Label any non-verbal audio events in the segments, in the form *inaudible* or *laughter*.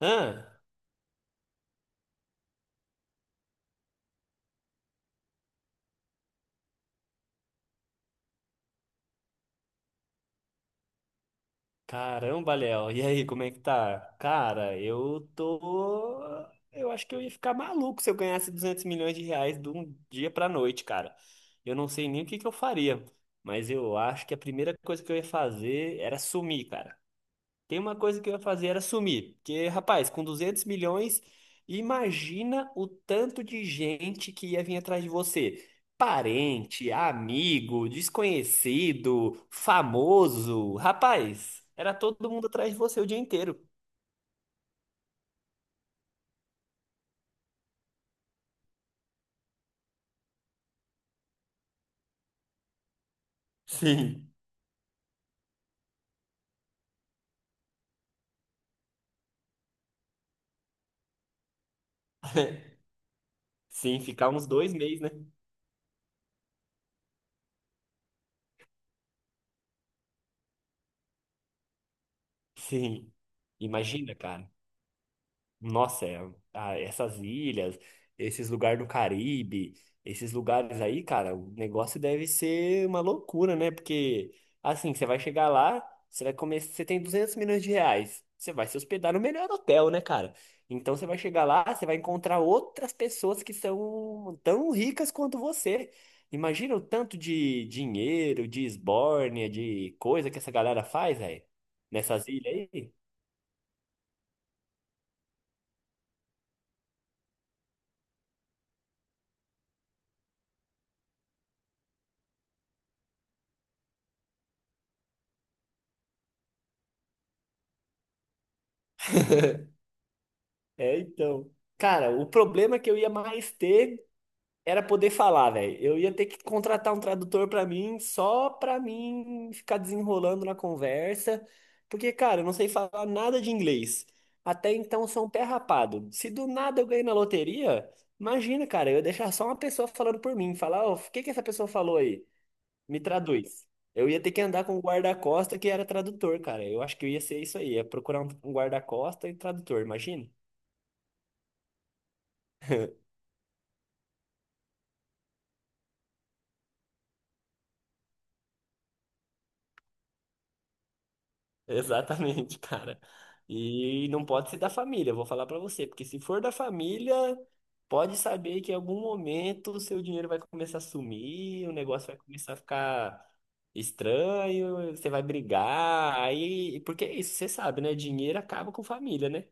Ah, caramba, Léo. E aí, como é que tá? Cara, eu tô. Eu acho que eu ia ficar maluco se eu ganhasse 200 milhões de reais de um dia pra noite, cara. Eu não sei nem o que que eu faria, mas eu acho que a primeira coisa que eu ia fazer era sumir, cara. Tem uma coisa que eu ia fazer era sumir. Porque, rapaz, com 200 milhões, imagina o tanto de gente que ia vir atrás de você. Parente, amigo, desconhecido, famoso. Rapaz, era todo mundo atrás de você o dia inteiro. Sim. *laughs* Sim, ficar uns 2 meses, né? Sim. Imagina, cara. Nossa, é, ah, essas ilhas, esses lugares do Caribe, esses lugares aí, cara, o negócio deve ser uma loucura, né? Porque, assim, você vai chegar lá, você vai comer, você tem 200 milhões de reais, você vai se hospedar no melhor hotel, né, cara? Então você vai chegar lá, você vai encontrar outras pessoas que são tão ricas quanto você. Imagina o tanto de dinheiro, de esbórnia, de coisa que essa galera faz, aí, nessas ilhas aí. É, então. Cara, o problema que eu ia mais ter era poder falar, velho. Eu ia ter que contratar um tradutor pra mim, só pra mim ficar desenrolando na conversa, porque, cara, eu não sei falar nada de inglês. Até então eu sou um pé rapado. Se do nada eu ganhei na loteria, imagina, cara, eu ia deixar só uma pessoa falando por mim, falar, ó, o que que essa pessoa falou aí? Me traduz. Eu ia ter que andar com um guarda-costa que era tradutor, cara. Eu acho que eu ia ser isso aí, ia procurar um guarda-costa e tradutor, imagina. Exatamente, *laughs* cara. E não pode ser da família, eu vou falar pra você, porque se for da família, pode saber que em algum momento o seu dinheiro vai começar a sumir, o negócio vai começar a ficar estranho, você vai brigar, aí, porque é isso você sabe, né? Dinheiro acaba com família, né?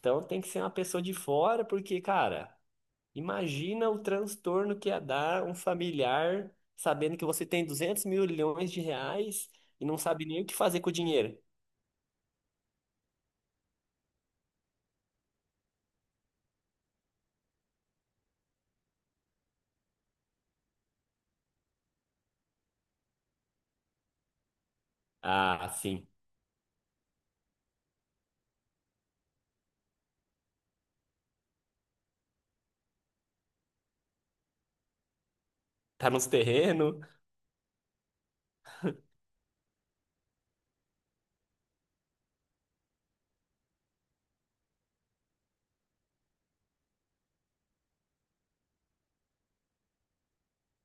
Então tem que ser uma pessoa de fora, porque, cara, imagina o transtorno que ia dar um familiar sabendo que você tem 200 milhões de reais e não sabe nem o que fazer com o dinheiro. Ah, sim. Tá nos terrenos.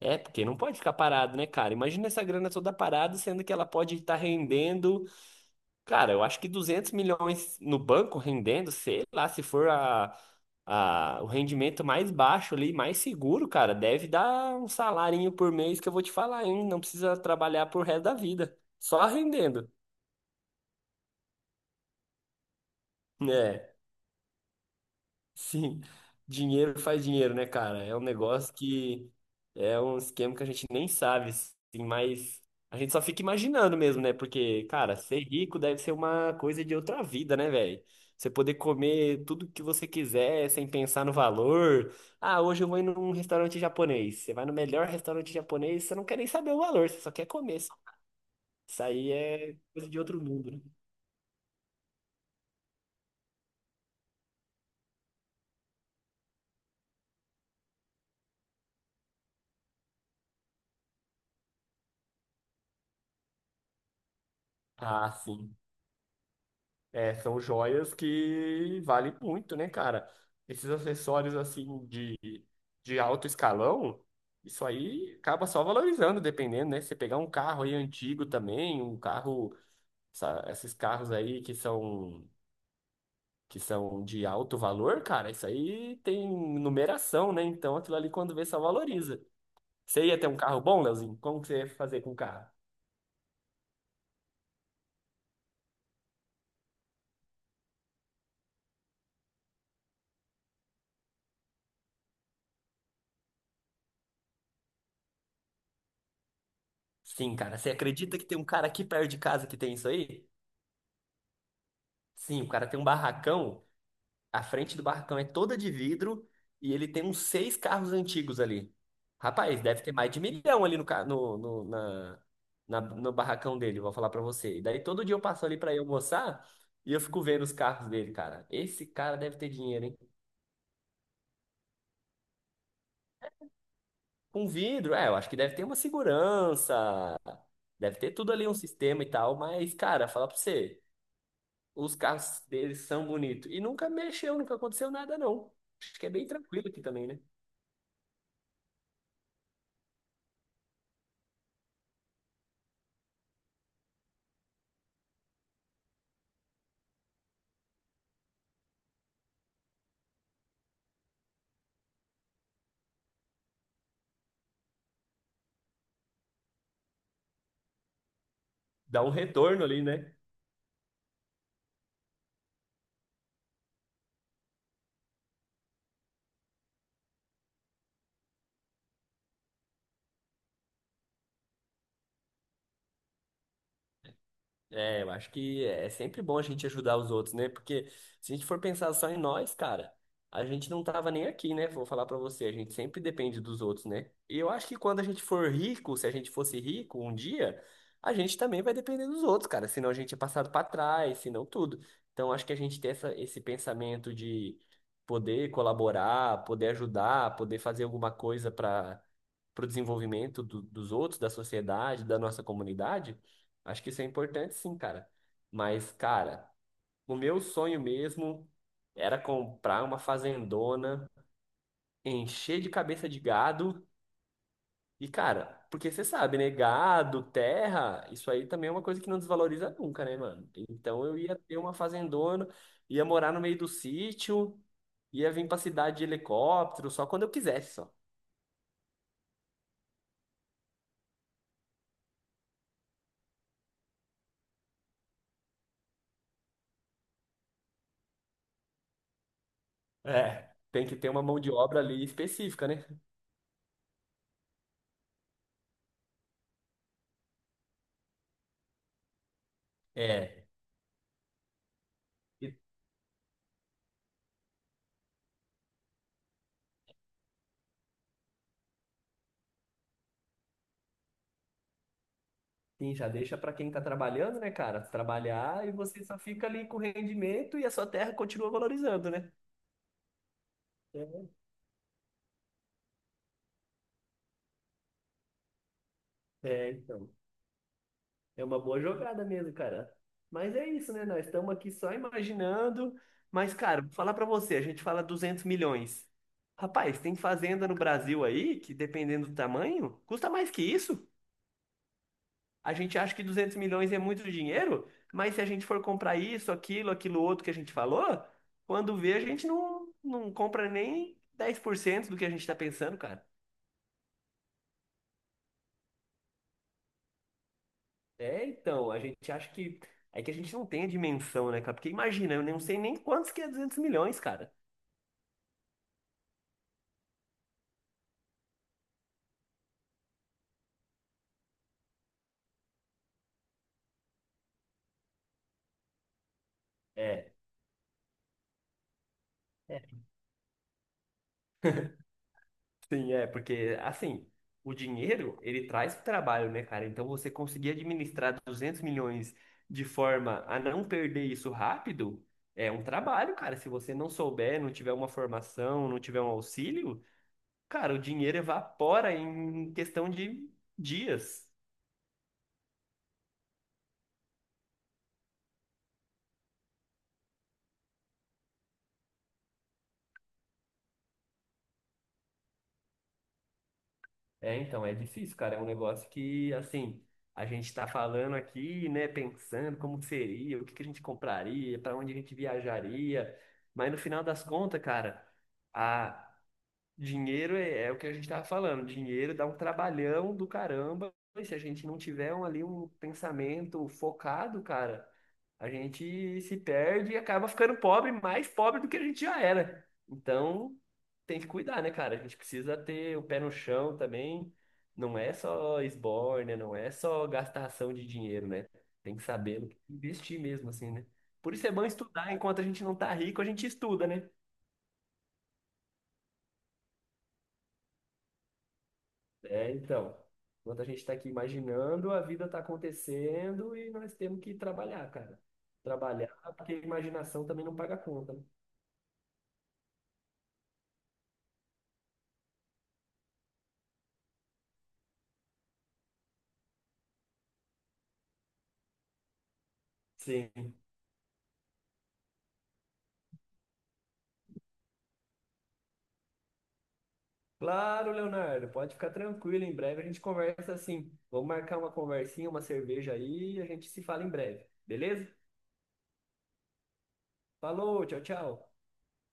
É, porque não pode ficar parado, né, cara? Imagina essa grana toda parada, sendo que ela pode estar rendendo. Cara, eu acho que 200 milhões no banco rendendo, sei lá, se for o rendimento mais baixo ali, mais seguro, cara, deve dar um salarinho por mês que eu vou te falar, hein? Não precisa trabalhar pro resto da vida. Só rendendo. É. Sim, dinheiro faz dinheiro, né, cara? É um negócio que é um esquema que a gente nem sabe, assim, mas a gente só fica imaginando mesmo, né? Porque, cara, ser rico deve ser uma coisa de outra vida, né, velho? Você poder comer tudo que você quiser sem pensar no valor. Ah, hoje eu vou ir num restaurante japonês. Você vai no melhor restaurante japonês, você não quer nem saber o valor, você só quer comer. Só. Isso aí é coisa de outro mundo, né? Ah, sim. É, são joias que valem muito, né, cara? Esses acessórios assim de alto escalão, isso aí acaba só valorizando, dependendo, né? Você pegar um carro aí antigo também, um carro, esses carros aí que são de alto valor, cara, isso aí tem numeração, né? Então aquilo ali quando vê só valoriza. Você ia ter um carro bom, Leozinho? Como que você ia fazer com o carro? Sim, cara, você acredita que tem um cara aqui perto de casa que tem isso aí? Sim, o cara tem um barracão. A frente do barracão é toda de vidro e ele tem uns seis carros antigos ali. Rapaz, deve ter mais de milhão ali no barracão dele, vou falar pra você. E daí todo dia eu passo ali pra ir almoçar e eu fico vendo os carros dele, cara. Esse cara deve ter dinheiro, hein? Com vidro, é, eu acho que deve ter uma segurança, deve ter tudo ali, um sistema e tal, mas, cara, falar pra você, os carros deles são bonitos. E nunca mexeu, nunca aconteceu nada, não. Acho que é bem tranquilo aqui também, né? Dá um retorno ali, né? É, eu acho que é sempre bom a gente ajudar os outros, né? Porque se a gente for pensar só em nós, cara, a gente não tava nem aqui, né? Vou falar pra você, a gente sempre depende dos outros, né? E eu acho que quando a gente for rico, se a gente fosse rico um dia, a gente também vai depender dos outros, cara. Senão a gente é passado pra trás, senão tudo. Então acho que a gente tem esse pensamento de poder colaborar, poder ajudar, poder fazer alguma coisa para pro desenvolvimento dos outros, da sociedade, da nossa comunidade. Acho que isso é importante sim, cara. Mas, cara, o meu sonho mesmo era comprar uma fazendona, encher de cabeça de gado. E, cara, porque você sabe, né? Gado, terra, isso aí também é uma coisa que não desvaloriza nunca, né, mano? Então eu ia ter uma fazendona, ia morar no meio do sítio, ia vir pra cidade de helicóptero, só quando eu quisesse, só. É, tem que ter uma mão de obra ali específica, né? É. Sim, já deixa para quem está trabalhando, né, cara? Trabalhar e você só fica ali com rendimento e a sua terra continua valorizando, né? É, então, é uma boa jogada mesmo, cara. Mas é isso, né? Nós estamos aqui só imaginando. Mas, cara, vou falar pra você, a gente fala 200 milhões. Rapaz, tem fazenda no Brasil aí que, dependendo do tamanho, custa mais que isso. A gente acha que 200 milhões é muito dinheiro, mas se a gente for comprar isso, aquilo, aquilo outro que a gente falou, quando vê, a gente não compra nem 10% do que a gente está pensando, cara. É, então, a gente acha que. É que a gente não tem a dimensão, né, cara? Porque imagina, eu não sei nem quantos que é 200 milhões, cara. É. Sim, é, porque assim, o dinheiro, ele traz trabalho, né, cara? Então você conseguir administrar 200 milhões de forma a não perder isso rápido, é um trabalho, cara. Se você não souber, não tiver uma formação, não tiver um auxílio, cara, o dinheiro evapora em questão de dias. É, então, é difícil, cara. É um negócio que, assim, a gente tá falando aqui, né, pensando como que seria, o que que a gente compraria, para onde a gente viajaria, mas no final das contas, cara, a Dinheiro é, é o que a gente estava falando. Dinheiro dá um trabalhão do caramba. E se a gente não tiver um, ali um pensamento focado, cara, a gente se perde e acaba ficando pobre, mais pobre do que a gente já era. Então, tem que cuidar, né, cara? A gente precisa ter o pé no chão também. Não é só esbórnia, não é só gastação de dinheiro, né? Tem que saber no que investir mesmo, assim, né? Por isso é bom estudar. Enquanto a gente não tá rico, a gente estuda, né? É, então, enquanto a gente está aqui imaginando, a vida está acontecendo e nós temos que trabalhar, cara. Trabalhar, porque a imaginação também não paga conta, né? Sim. Claro, Leonardo, pode ficar tranquilo. Em breve a gente conversa assim. Vamos marcar uma conversinha, uma cerveja aí e a gente se fala em breve, beleza? Falou, tchau, tchau.